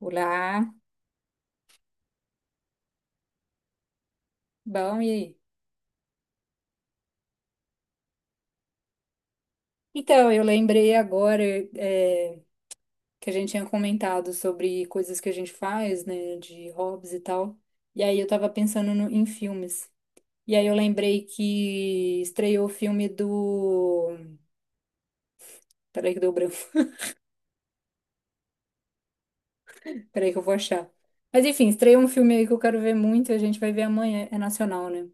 Olá, bom, e aí? Então, eu lembrei agora é, que a gente tinha comentado sobre coisas que a gente faz, né, de hobbies e tal. E aí eu tava pensando em filmes. E aí eu lembrei que estreou o filme do. Peraí que deu branco. Peraí que eu vou achar. Mas enfim, estreou um filme aí que eu quero ver muito, a gente vai ver amanhã. É nacional, né?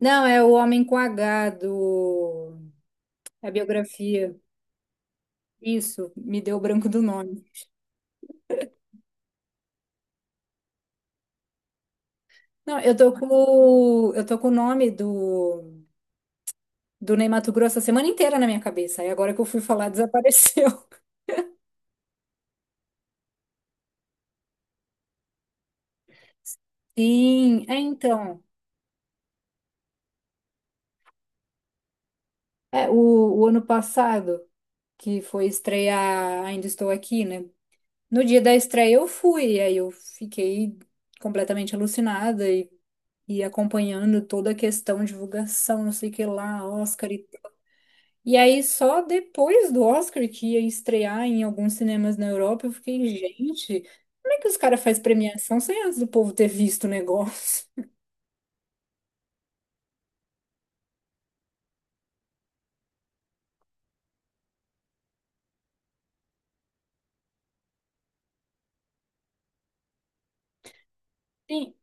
Não, é O Homem com H do. É a biografia. Isso, me deu branco do nome. Não, eu tô com o nome do Ney Matogrosso a semana inteira na minha cabeça. E agora que eu fui falar, desapareceu. Sim, é então. É, o, o ano passado, que foi estrear Ainda Estou Aqui, né? No dia da estreia eu fui, e aí eu fiquei completamente alucinada e acompanhando toda a questão, divulgação, não sei o que lá, Oscar E aí, só depois do Oscar, que ia estrear em alguns cinemas na Europa, eu fiquei, gente, como é que os caras fazem premiação sem antes do povo ter visto o negócio? Sim.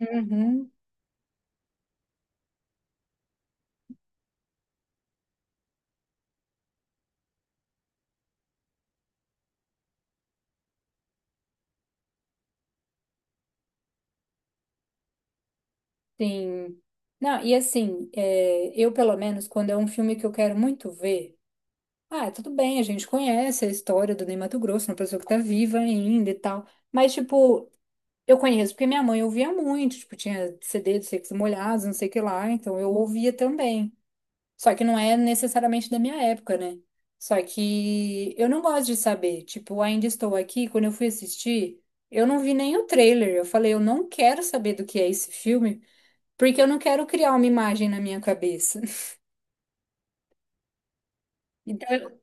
Uhum, sim. Não, e assim, eu pelo menos, quando é um filme que eu quero muito ver, ah, tudo bem, a gente conhece a história do Ney Matogrosso, uma pessoa que tá viva ainda e tal, mas tipo, eu conheço porque minha mãe ouvia muito, tipo, tinha CD do Secos e Molhados, não sei o que lá, então eu ouvia também. Só que não é necessariamente da minha época, né? Só que eu não gosto de saber. Tipo, ainda estou aqui. Quando eu fui assistir, eu não vi nem o trailer. Eu falei, eu não quero saber do que é esse filme, porque eu não quero criar uma imagem na minha cabeça. Então, eu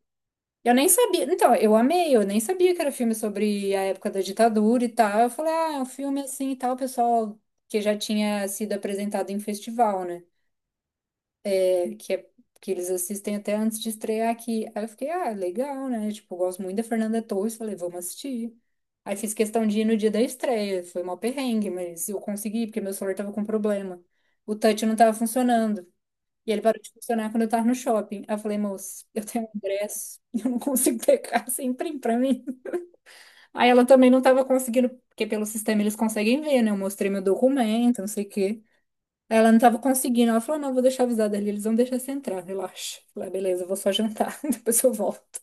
eu nem sabia. Então, eu amei, eu nem sabia que era filme sobre a época da ditadura e tal. Eu falei, ah, é um filme assim e tal, pessoal, que já tinha sido apresentado em festival, né, que, é- que eles assistem até antes de estrear aqui. Aí eu fiquei, ah, legal, né? Tipo, eu gosto muito da Fernanda Torres, falei, vamos assistir. Aí fiz questão de ir no dia da estreia, foi uma perrengue, mas eu consegui, porque meu celular tava com problema. O touch não tava funcionando. E ele parou de funcionar quando eu tava no shopping. Aí eu falei, moça, eu tenho um ingresso, eu não consigo pegar, você imprime pra mim. Aí ela também não tava conseguindo, porque pelo sistema eles conseguem ver, né? Eu mostrei meu documento, não sei o quê. Ela não tava conseguindo. Ela falou: não, vou deixar avisada ali, eles vão deixar você entrar, relaxa. Eu falei, ah, beleza, eu vou só jantar, depois eu volto.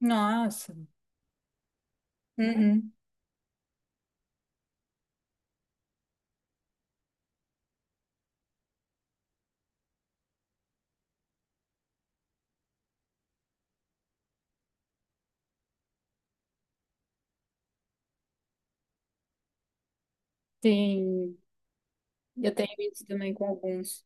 Nossa. Uhum. Sim. Eu tenho isso também com alguns.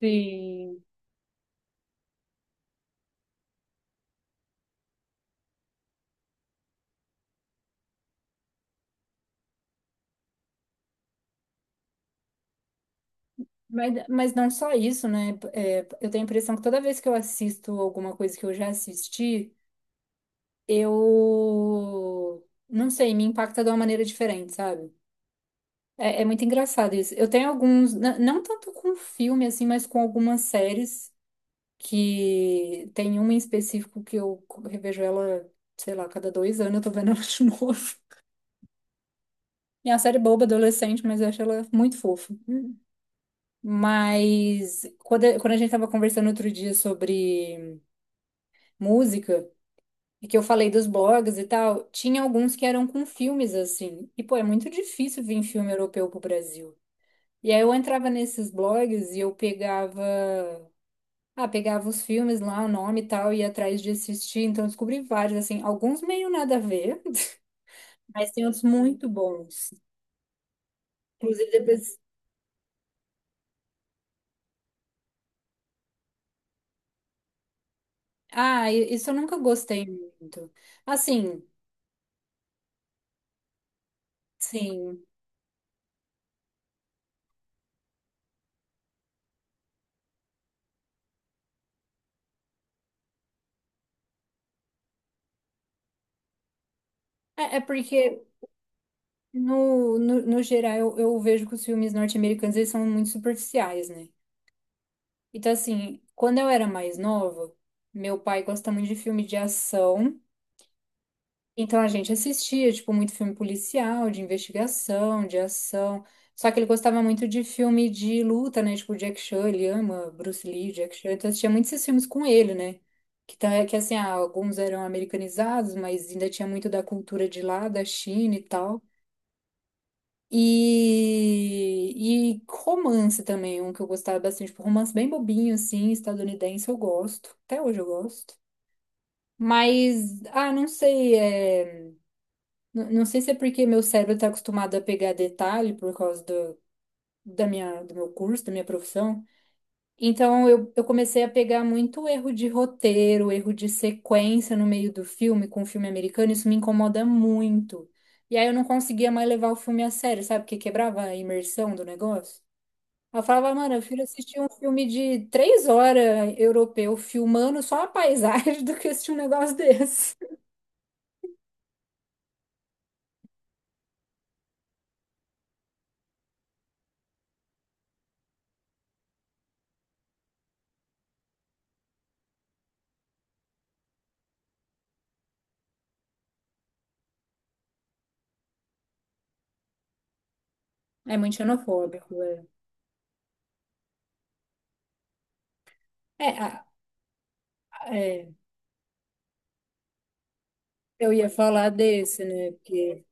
Sim. Mas não só isso, né? É, eu tenho a impressão que toda vez que eu assisto alguma coisa que eu já assisti, eu não sei, me impacta de uma maneira diferente, sabe? É, é muito engraçado isso. Eu tenho alguns, não tanto com filme, assim, mas com algumas séries que tem uma em específico que eu revejo ela, sei lá, cada 2 anos eu tô vendo ela de novo. É uma série boba, adolescente, mas eu acho ela muito fofa. Mas quando, quando a gente tava conversando outro dia sobre música, e que eu falei dos blogs e tal, tinha alguns que eram com filmes, assim. E, pô, é muito difícil vir filme europeu pro Brasil. E aí eu entrava nesses blogs e eu pegava os filmes lá, o nome e tal, ia atrás de assistir. Então, eu descobri vários, assim, alguns meio nada a ver, mas tem outros muito bons. Inclusive, depois. Ah, isso eu nunca gostei muito. Assim, sim. É, é porque, no geral, eu vejo que os filmes norte-americanos eles são muito superficiais, né? Então, assim, quando eu era mais nova, meu pai gosta muito de filme de ação. Então a gente assistia, tipo, muito filme policial, de investigação, de ação. Só que ele gostava muito de filme de luta, né? Tipo, Jack Chan, ele ama Bruce Lee, Jack Chan. Então eu assistia muitos esses filmes com ele, né? Que, tá, que assim, ah, alguns eram americanizados, mas ainda tinha muito da cultura de lá, da China e tal. E romance também, um que eu gostava bastante. Tipo, romance bem bobinho, assim, estadunidense, eu gosto. Até hoje eu gosto. Mas, ah, não sei, é. Não sei se é porque meu cérebro está acostumado a pegar detalhe por causa do meu curso, da minha profissão. Então eu comecei a pegar muito erro de roteiro, erro de sequência no meio do filme, com o filme americano, isso me incomoda muito. E aí eu não conseguia mais levar o filme a sério, sabe? Porque quebrava a imersão do negócio. Eu falava, mano, eu prefiro assistir um filme de 3 horas europeu filmando só a paisagem do que assistir um negócio desse. É muito xenofóbico, é. É, a- é, eu ia falar desse, né? Porque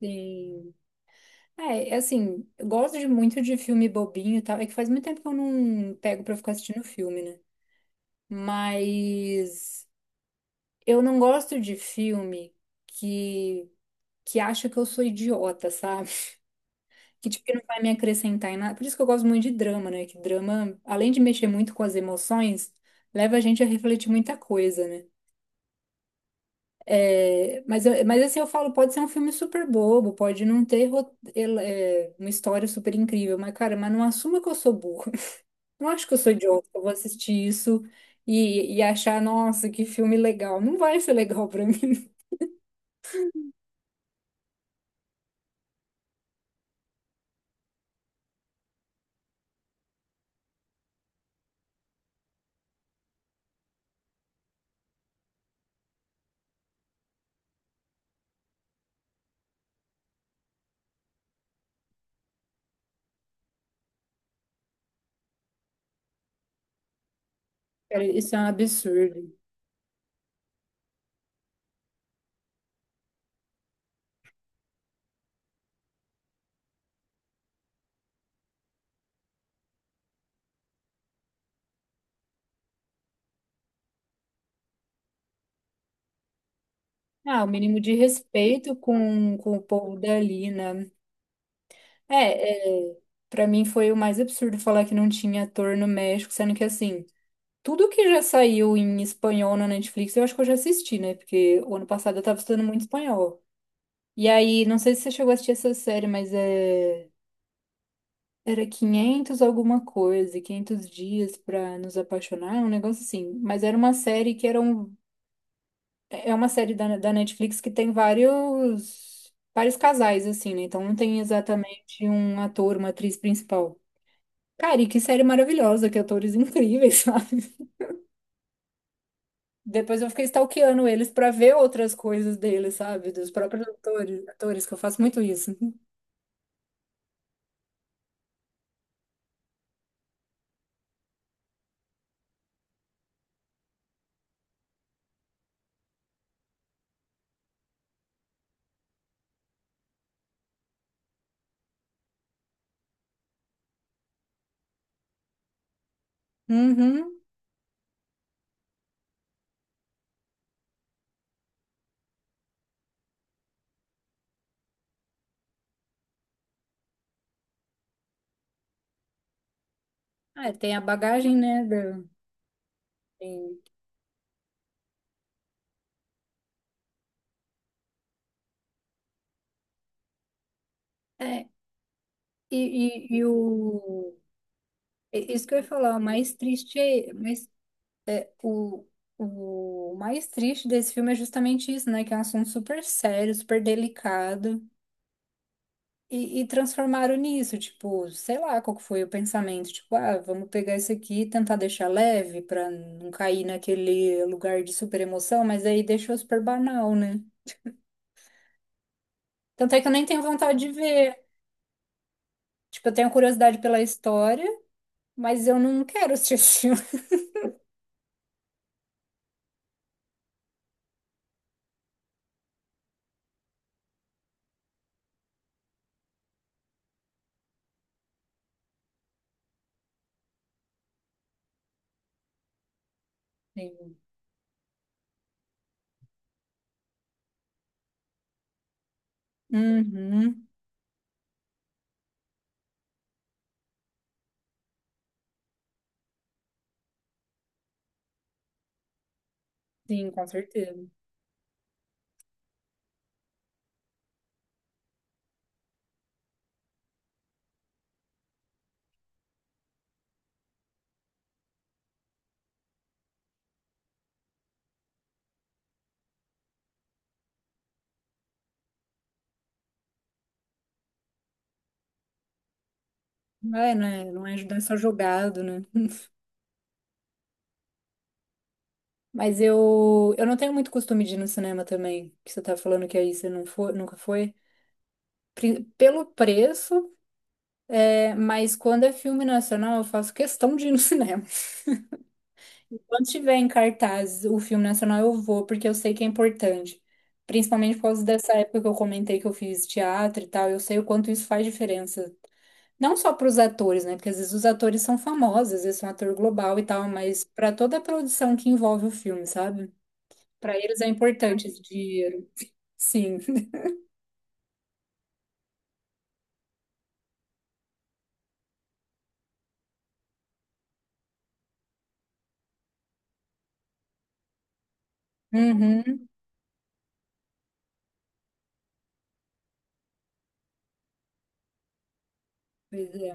tem. É, é assim, eu gosto de muito de filme bobinho e tal. É que faz muito tempo que eu não pego pra ficar assistindo filme, né? Mas eu não gosto de filme que, que acha que eu sou idiota, sabe? Que tipo que não vai me acrescentar em nada. Por isso que eu gosto muito de drama, né? Que drama, além de mexer muito com as emoções, leva a gente a refletir muita coisa, né? É, mas, mas assim eu falo, pode ser um filme super bobo, pode não ter uma história super incrível, mas cara, mas não assuma que eu sou burra. Não acho que eu sou idiota, eu vou assistir isso e achar, nossa, que filme legal. Não vai ser legal pra mim. Cara, isso é um absurdo. Ah, o mínimo de respeito com o povo dali, né? É, é, para mim foi o mais absurdo falar que não tinha ator no México, sendo que assim, tudo que já saiu em espanhol na Netflix, eu acho que eu já assisti, né? Porque o ano passado eu tava estudando muito espanhol. E aí, não sei se você chegou a assistir essa série, mas era 500 alguma coisa, 500 dias pra nos apaixonar, um negócio assim. Mas era uma série que era um é uma série da Netflix que tem vários vários casais assim, né? Então não tem exatamente um ator, uma atriz principal. Cara, e que série maravilhosa, que atores incríveis, sabe? Depois eu fiquei stalkeando eles pra ver outras coisas deles, sabe? Dos próprios atores, atores, que eu faço muito isso. Uhum. Ah, tem a bagagem, né? Tem- É, e, e, e o... Isso que eu ia falar, o mais triste é... Mas, é, o, o mais triste desse filme é justamente isso, né? Que é um assunto super sério, super delicado. E transformaram nisso, tipo, sei lá qual que foi o pensamento, tipo, ah, vamos pegar isso aqui e tentar deixar leve pra não cair naquele lugar de super emoção, mas aí deixou super banal, né? Tanto é que eu nem tenho vontade de ver. Tipo, eu tenho curiosidade pela história, mas eu não quero assistir esse filme. Sim. Uhum, sim, com certeza. É, né? Não é ajudar só jogado, né? Mas eu não tenho muito costume de ir no cinema também, que você tá falando que aí você não foi, nunca foi. Pelo preço, mas quando é filme nacional, eu faço questão de ir no cinema. Quando tiver em cartaz o filme nacional, eu vou, porque eu sei que é importante. Principalmente por causa dessa época que eu comentei que eu fiz teatro e tal, eu sei o quanto isso faz diferença. Não só para os atores, né? Porque às vezes os atores são famosos, às vezes são ator global e tal, mas para toda a produção que envolve o filme, sabe? Para eles é importante esse dinheiro. Sim. Uhum. Pois é.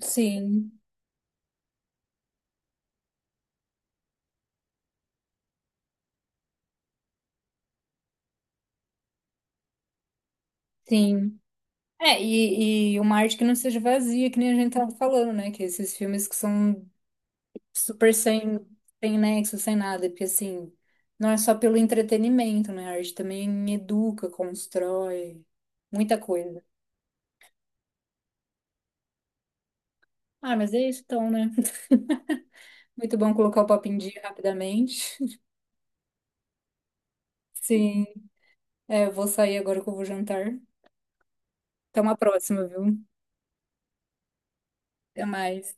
Sim, sim. É, e uma arte que não seja vazia, que nem a gente tava falando, né? Que esses filmes que são super sem nexo, sem nada, porque assim, não é só pelo entretenimento, né? A arte também educa, constrói, muita coisa. Ah, mas é isso então, né? Muito bom colocar o papo em dia rapidamente. Sim, eu vou sair agora que eu vou jantar. Até uma próxima, viu? Até mais.